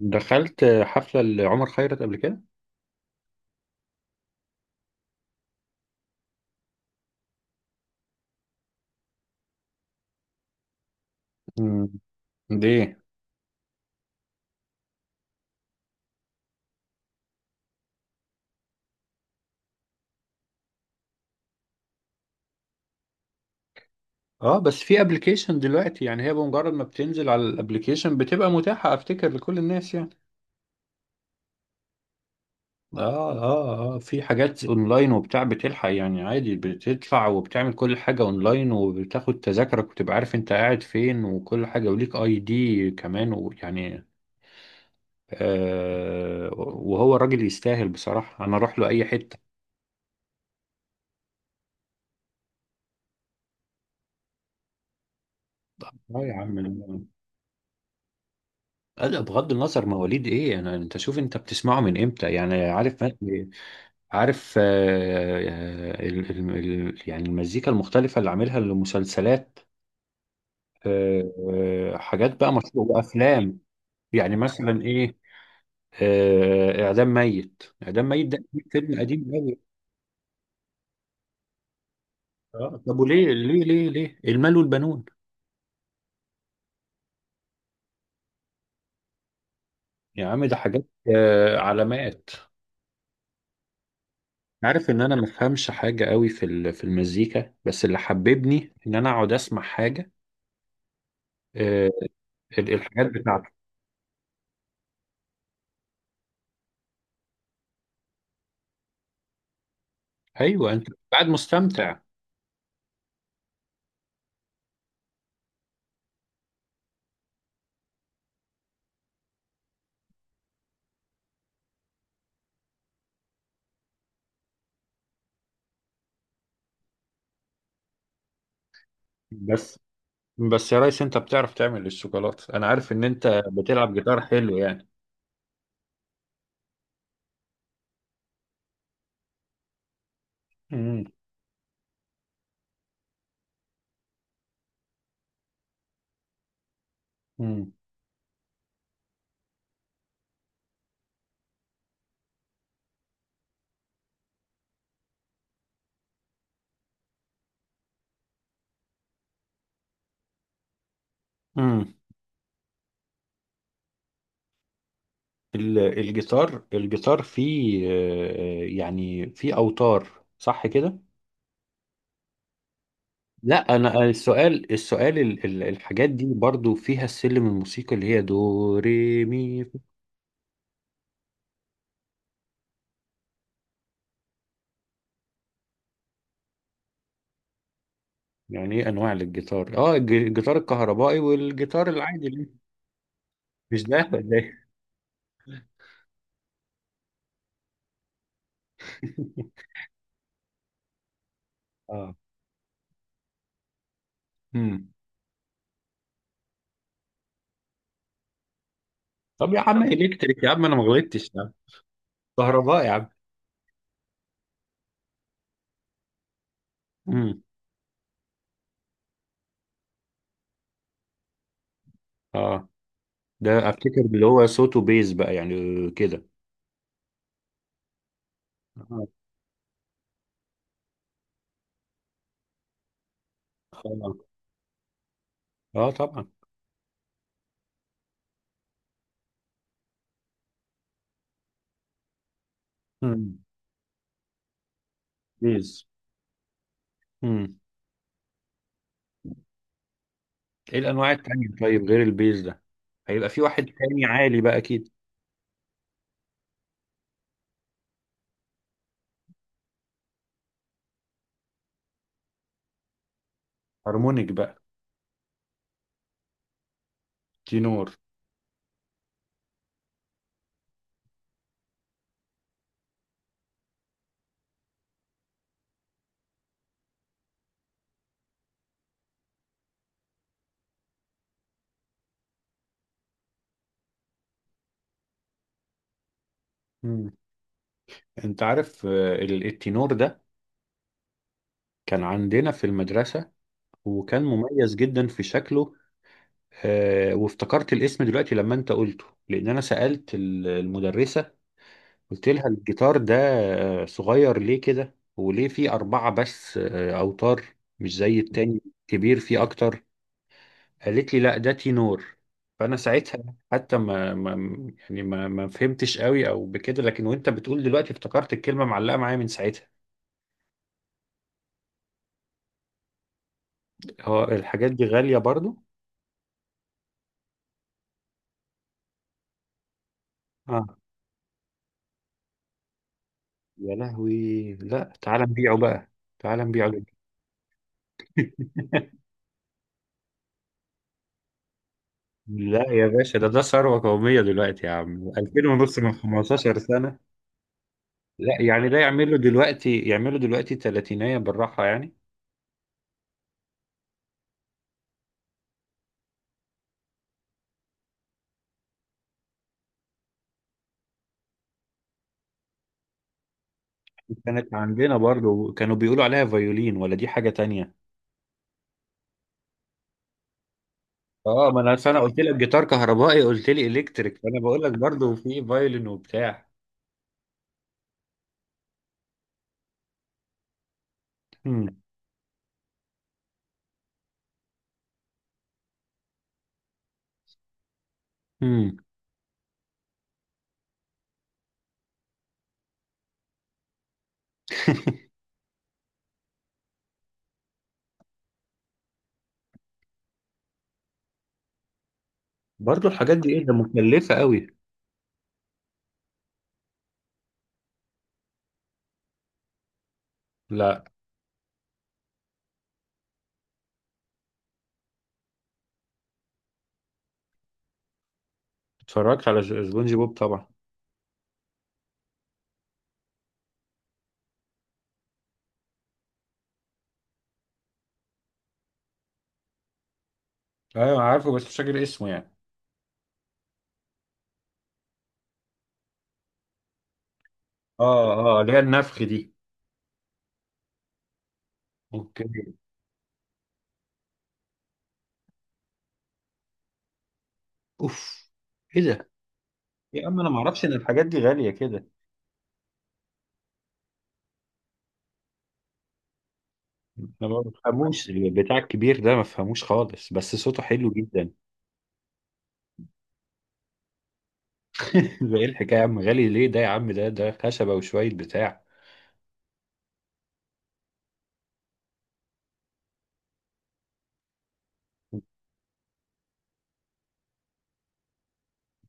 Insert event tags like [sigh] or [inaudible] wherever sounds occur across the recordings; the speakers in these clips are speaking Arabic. دخلت حفلة لعمر خيرت قبل كده. مم. ليه؟ اه، بس في ابلكيشن دلوقتي يعني هي بمجرد ما بتنزل على الابلكيشن بتبقى متاحة افتكر لكل الناس يعني. اه اه اه، في حاجات اونلاين وبتاع بتلحق يعني عادي، بتدفع وبتعمل كل حاجة اونلاين وبتاخد تذاكرك وتبقى عارف انت قاعد فين وكل حاجة، وليك اي دي كمان، ويعني آه وهو الراجل يستاهل بصراحة، انا اروح له اي حتة. اه يا عم. لا لا، بغض النظر مواليد ايه، انا انت شوف انت بتسمعه من امتى يعني، عارف؟ عارف. يعني المزيكا المختلفه اللي عاملها لمسلسلات. آه، حاجات بقى مشهوره وافلام. يعني مثلا ايه؟ اعدام ميت، اعدام ميت ده فيلم قديم قوي. اه، طب وليه ليه ليه ليه المال والبنون. يا عم ده حاجات. علامات. عارف ان انا ما بفهمش حاجه قوي في في المزيكا، بس اللي حببني ان انا اقعد اسمع حاجه. آه، الحاجات بتاعته. ايوه انت قاعد مستمتع. بس بس يا ريس انت بتعرف تعمل الشوكولاته، انا عارف ان انت بتلعب جيتار حلو يعني. امم. امم. امم. الجيتار، الجيتار فيه يعني فيه اوتار صح كده. لا انا السؤال، الحاجات دي برضو فيها السلم الموسيقي اللي هي دو ري مي فا. يعني ايه انواع للجيتار؟ اه الجيتار الكهربائي والجيتار العادي اللي-. مش ده ولا ايه؟ [laughs] اه. امم. طب يا عم الكتريك يا عم، انا ما غلطتش يا عم، كهرباء يا عم. امم. اه، ده افتكر اللي هو صوته بيز بقى يعني كده. اه اه، طبعا. امم. بيز. امم. ايه الانواع التانية طيب غير البيز ده؟ هيبقى في واحد تاني عالي بقى اكيد. هارمونيك بقى. تينور. امم. انت عارف التينور ده كان عندنا في المدرسة، وكان مميز جدا في شكله. آه، وافتكرت الاسم دلوقتي لما انت قلته، لان انا سألت المدرسة، قلت لها الجيتار ده صغير ليه كده، وليه فيه أربعة بس أوتار، مش زي التاني كبير فيه أكتر. قالت لي لا، ده تينور. فأنا ساعتها حتى ما يعني ما فهمتش قوي أو بكده، لكن وأنت بتقول دلوقتي افتكرت الكلمة معلقة معايا من ساعتها. هو الحاجات دي غالية برضو؟ آه. يا لهوي، لا تعال نبيعه بقى. تعال نبيعه. لا يا باشا، ده ده ثروة قومية دلوقتي يا عم، 2000 ونص من 15 سنة. لا يعني ده يعملوا دلوقتي، يعملوا دلوقتي تلاتينية بالراحة يعني. كانت عندنا برضو، كانوا بيقولوا عليها فيولين ولا دي حاجة تانية؟ اه، ما انا أصل انا قلت لك جيتار كهربائي قلت لي الكتريك، فانا بقول لك برضو في فيولين وبتاع. امم. امم. [laughs] برضو الحاجات دي ايه، ده مكلفة قوي. لا. اتفرجت على سبونج بوب طبعا. ايوه عارفه، بس مش فاكر اسمه يعني. اه اه، اللي هي النفخ دي. اوكي. اوف. ايه ده يا عم، انا ما اعرفش ان الحاجات دي غالية كده. انا ما بفهموش البتاع الكبير ده، ما بفهموش خالص، بس صوته حلو جدا. [laughs] ده ايه الحكايه يا عم، غالي ليه ده يا عم، ده ده خشبه وشويه بتاع.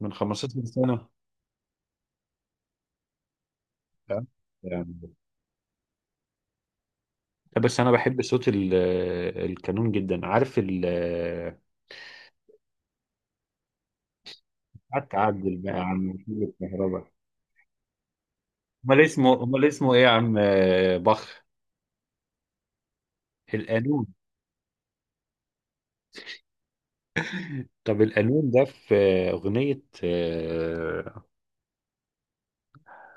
من 15 سنه؟ فاهم؟ يعني لا، بس انا بحب صوت القانون جدا، عارف قعدت اعدل بقى عن وكيل الكهرباء. امال اسمه، امال اسمه ايه يا عم بخ. القانون. طب القانون ده في اغنيه،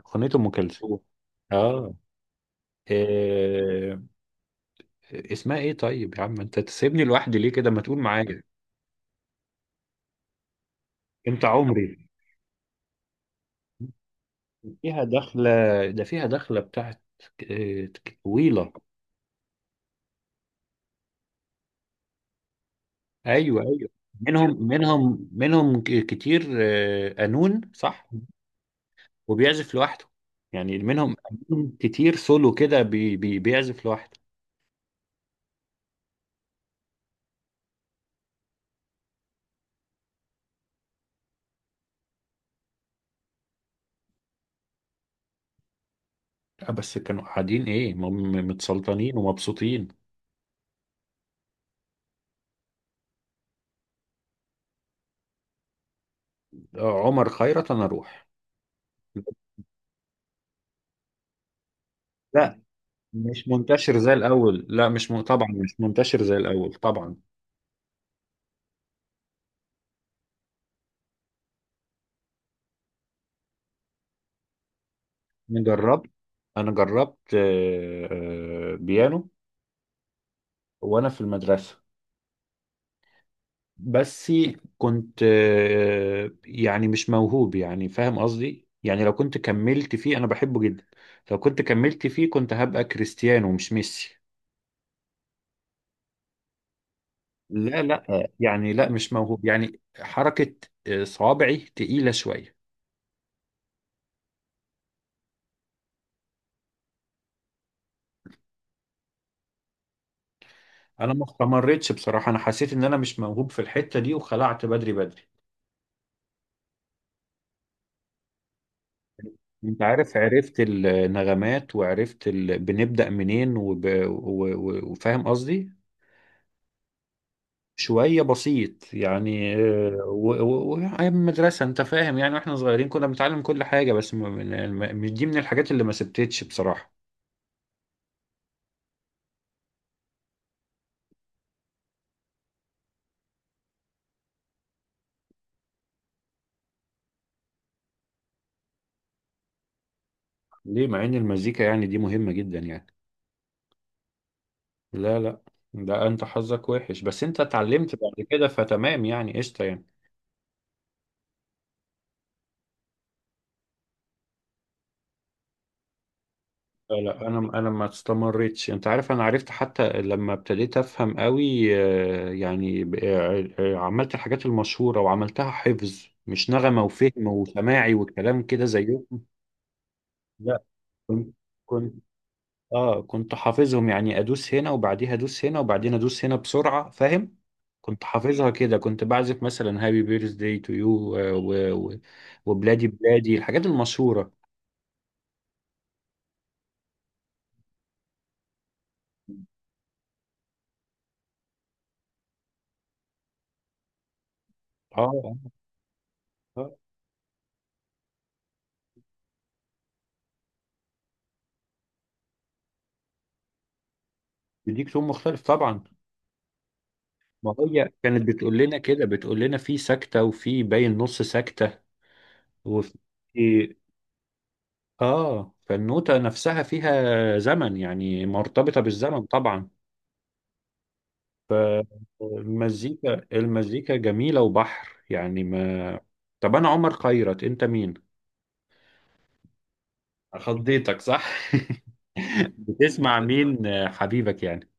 اغنيه ام كلثوم. اه. آه. اسمها ايه طيب يا عم، انت تسيبني لوحدي ليه كده، ما تقول معايا. انت عمري. فيها دخلة، ده فيها دخلة بتاعت آه، طويلة. ايوه ايوه. منهم كتير قانون صح، وبيعزف لوحده. يعني منهم قانون كتير، سولو كده، بي بي بيعزف لوحده. آه، بس كانوا قاعدين ايه متسلطنين ومبسوطين. عمر خيرت انا اروح. لا مش منتشر زي الاول، لا مش م... طبعا مش منتشر زي الاول طبعا. انا جربت، بيانو وانا في المدرسه. بس كنت يعني مش موهوب يعني، فاهم قصدي، يعني لو كنت كملت فيه انا بحبه جدا. لو كنت كملت فيه كنت هبقى كريستيانو مش ميسي. لا لا يعني، لا مش موهوب يعني حركه، صوابعي تقيله شويه. انا ما استمرتش بصراحه، انا حسيت ان انا مش موهوب في الحته دي وخلعت بدري بدري. انت عارف، عرفت النغمات وعرفت ال... بنبدأ منين وفاهم قصدي. شوية بسيط يعني، أيام المدرسة انت فاهم يعني، واحنا صغيرين كنا بنتعلم كل حاجة، بس مش دي من الحاجات اللي ما سبتتش بصراحة. ليه، مع ان المزيكا يعني دي مهمة جدا يعني؟ لا لا، ده انت حظك وحش، بس انت اتعلمت بعد كده فتمام يعني، قشطة يعني. لا لا، انا ما استمرتش، انت عارف. انا عرفت حتى لما ابتديت افهم قوي، يعني عملت الحاجات المشهوره وعملتها حفظ، مش نغمه وفهم وسماعي وكلام كده زيهم. لا. كنت كنت اه كنت حافظهم يعني، ادوس هنا وبعديها ادوس هنا وبعدين ادوس هنا بسرعه، فاهم. كنت حافظها كده، كنت بعزف مثلا هابي بيرث داي تو يو، وبلادي بلادي، الحاجات المشهوره. اه. آه. آه. بيديك تون مختلف طبعا. ما هي كانت بتقول لنا كده، بتقول لنا في سكتة، وفي باين نص سكتة، وفي. اه، فالنوتة نفسها فيها زمن يعني، مرتبطة بالزمن طبعا. المزيكا جميلة وبحر يعني ما. طب أنا عمر خيرت، أنت مين؟ خضيتك صح؟ [laughs] بتسمع مين حبيبك يعني؟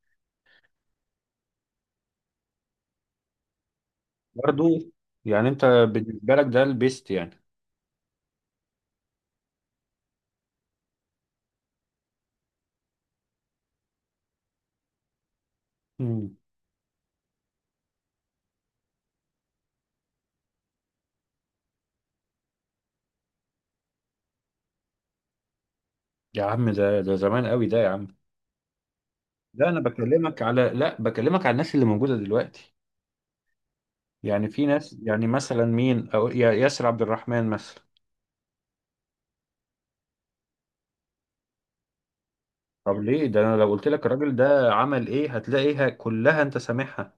برضو، يعني أنت بالنسبة لك ده البيست يعني. مم. يا عم ده ده زمان قوي ده يا عم. لا انا بكلمك على، لا بكلمك على الناس اللي موجوده دلوقتي. يعني في ناس يعني، مثلا مين، او ياسر عبد الرحمن مثلا. طب ليه ده، انا لو قلت لك الراجل ده عمل ايه هتلاقيها كلها انت سامعها.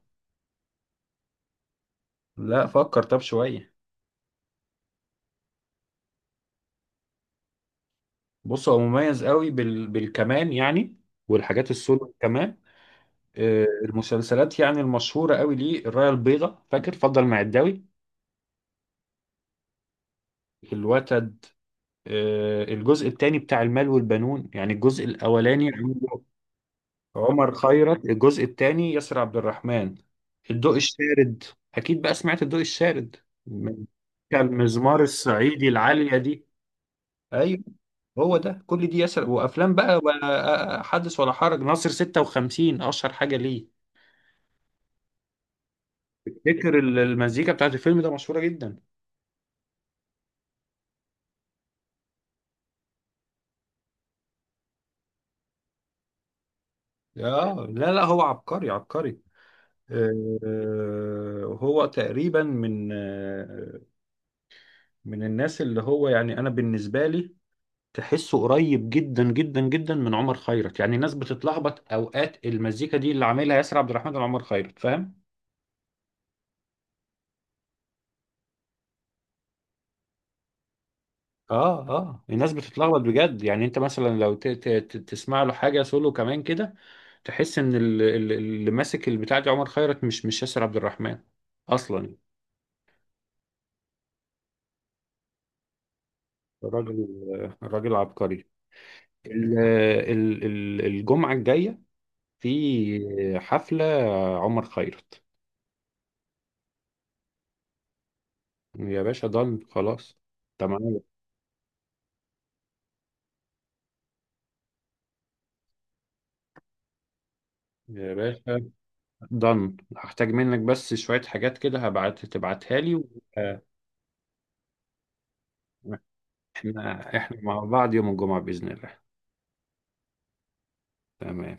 لا فكر طب شويه. بص هو مميز قوي بال... بالكمان يعني، والحاجات السولو كمان. المسلسلات يعني المشهوره قوي، ليه، الرايه البيضاء فاكر، فضل معداوي، الوتد، الجزء الثاني بتاع المال والبنون، يعني الجزء الاولاني عمله عمر خيرت، الجزء الثاني ياسر عبد الرحمن، الضوء الشارد. اكيد بقى سمعت الضوء الشارد من-. كان المزمار الصعيدي العالية دي. ايوه هو ده، كل دي ياسر، وافلام بقى ولا حدث ولا حرج، ناصر 56 اشهر حاجة ليه. فكر المزيكا بتاعت الفيلم ده مشهورة جدا. اه لا لا، هو عبقري عبقري. آه، هو تقريبا من من الناس اللي هو يعني انا بالنسبة لي تحسه قريب جدا جدا جدا من عمر خيرت، يعني الناس بتتلخبط اوقات، المزيكا دي اللي عاملها ياسر عبد الرحمن وعمر خيرت، فاهم. اه اه، الناس بتتلخبط بجد يعني، انت مثلا لو تسمع له حاجه سولو كمان كده، تحس ان اللي ماسك البتاع دي عمر خيرت، مش ياسر عبد الرحمن اصلا. الراجل الراجل عبقري. الجمعه الجايه في حفله عمر خيرت. يا باشا ضن خلاص. تمام يا باشا. دن هحتاج منك بس شوية حاجات كده، هبعت تبعتها لي و... آه، احنا مع بعض يوم الجمعة بإذن الله. تمام.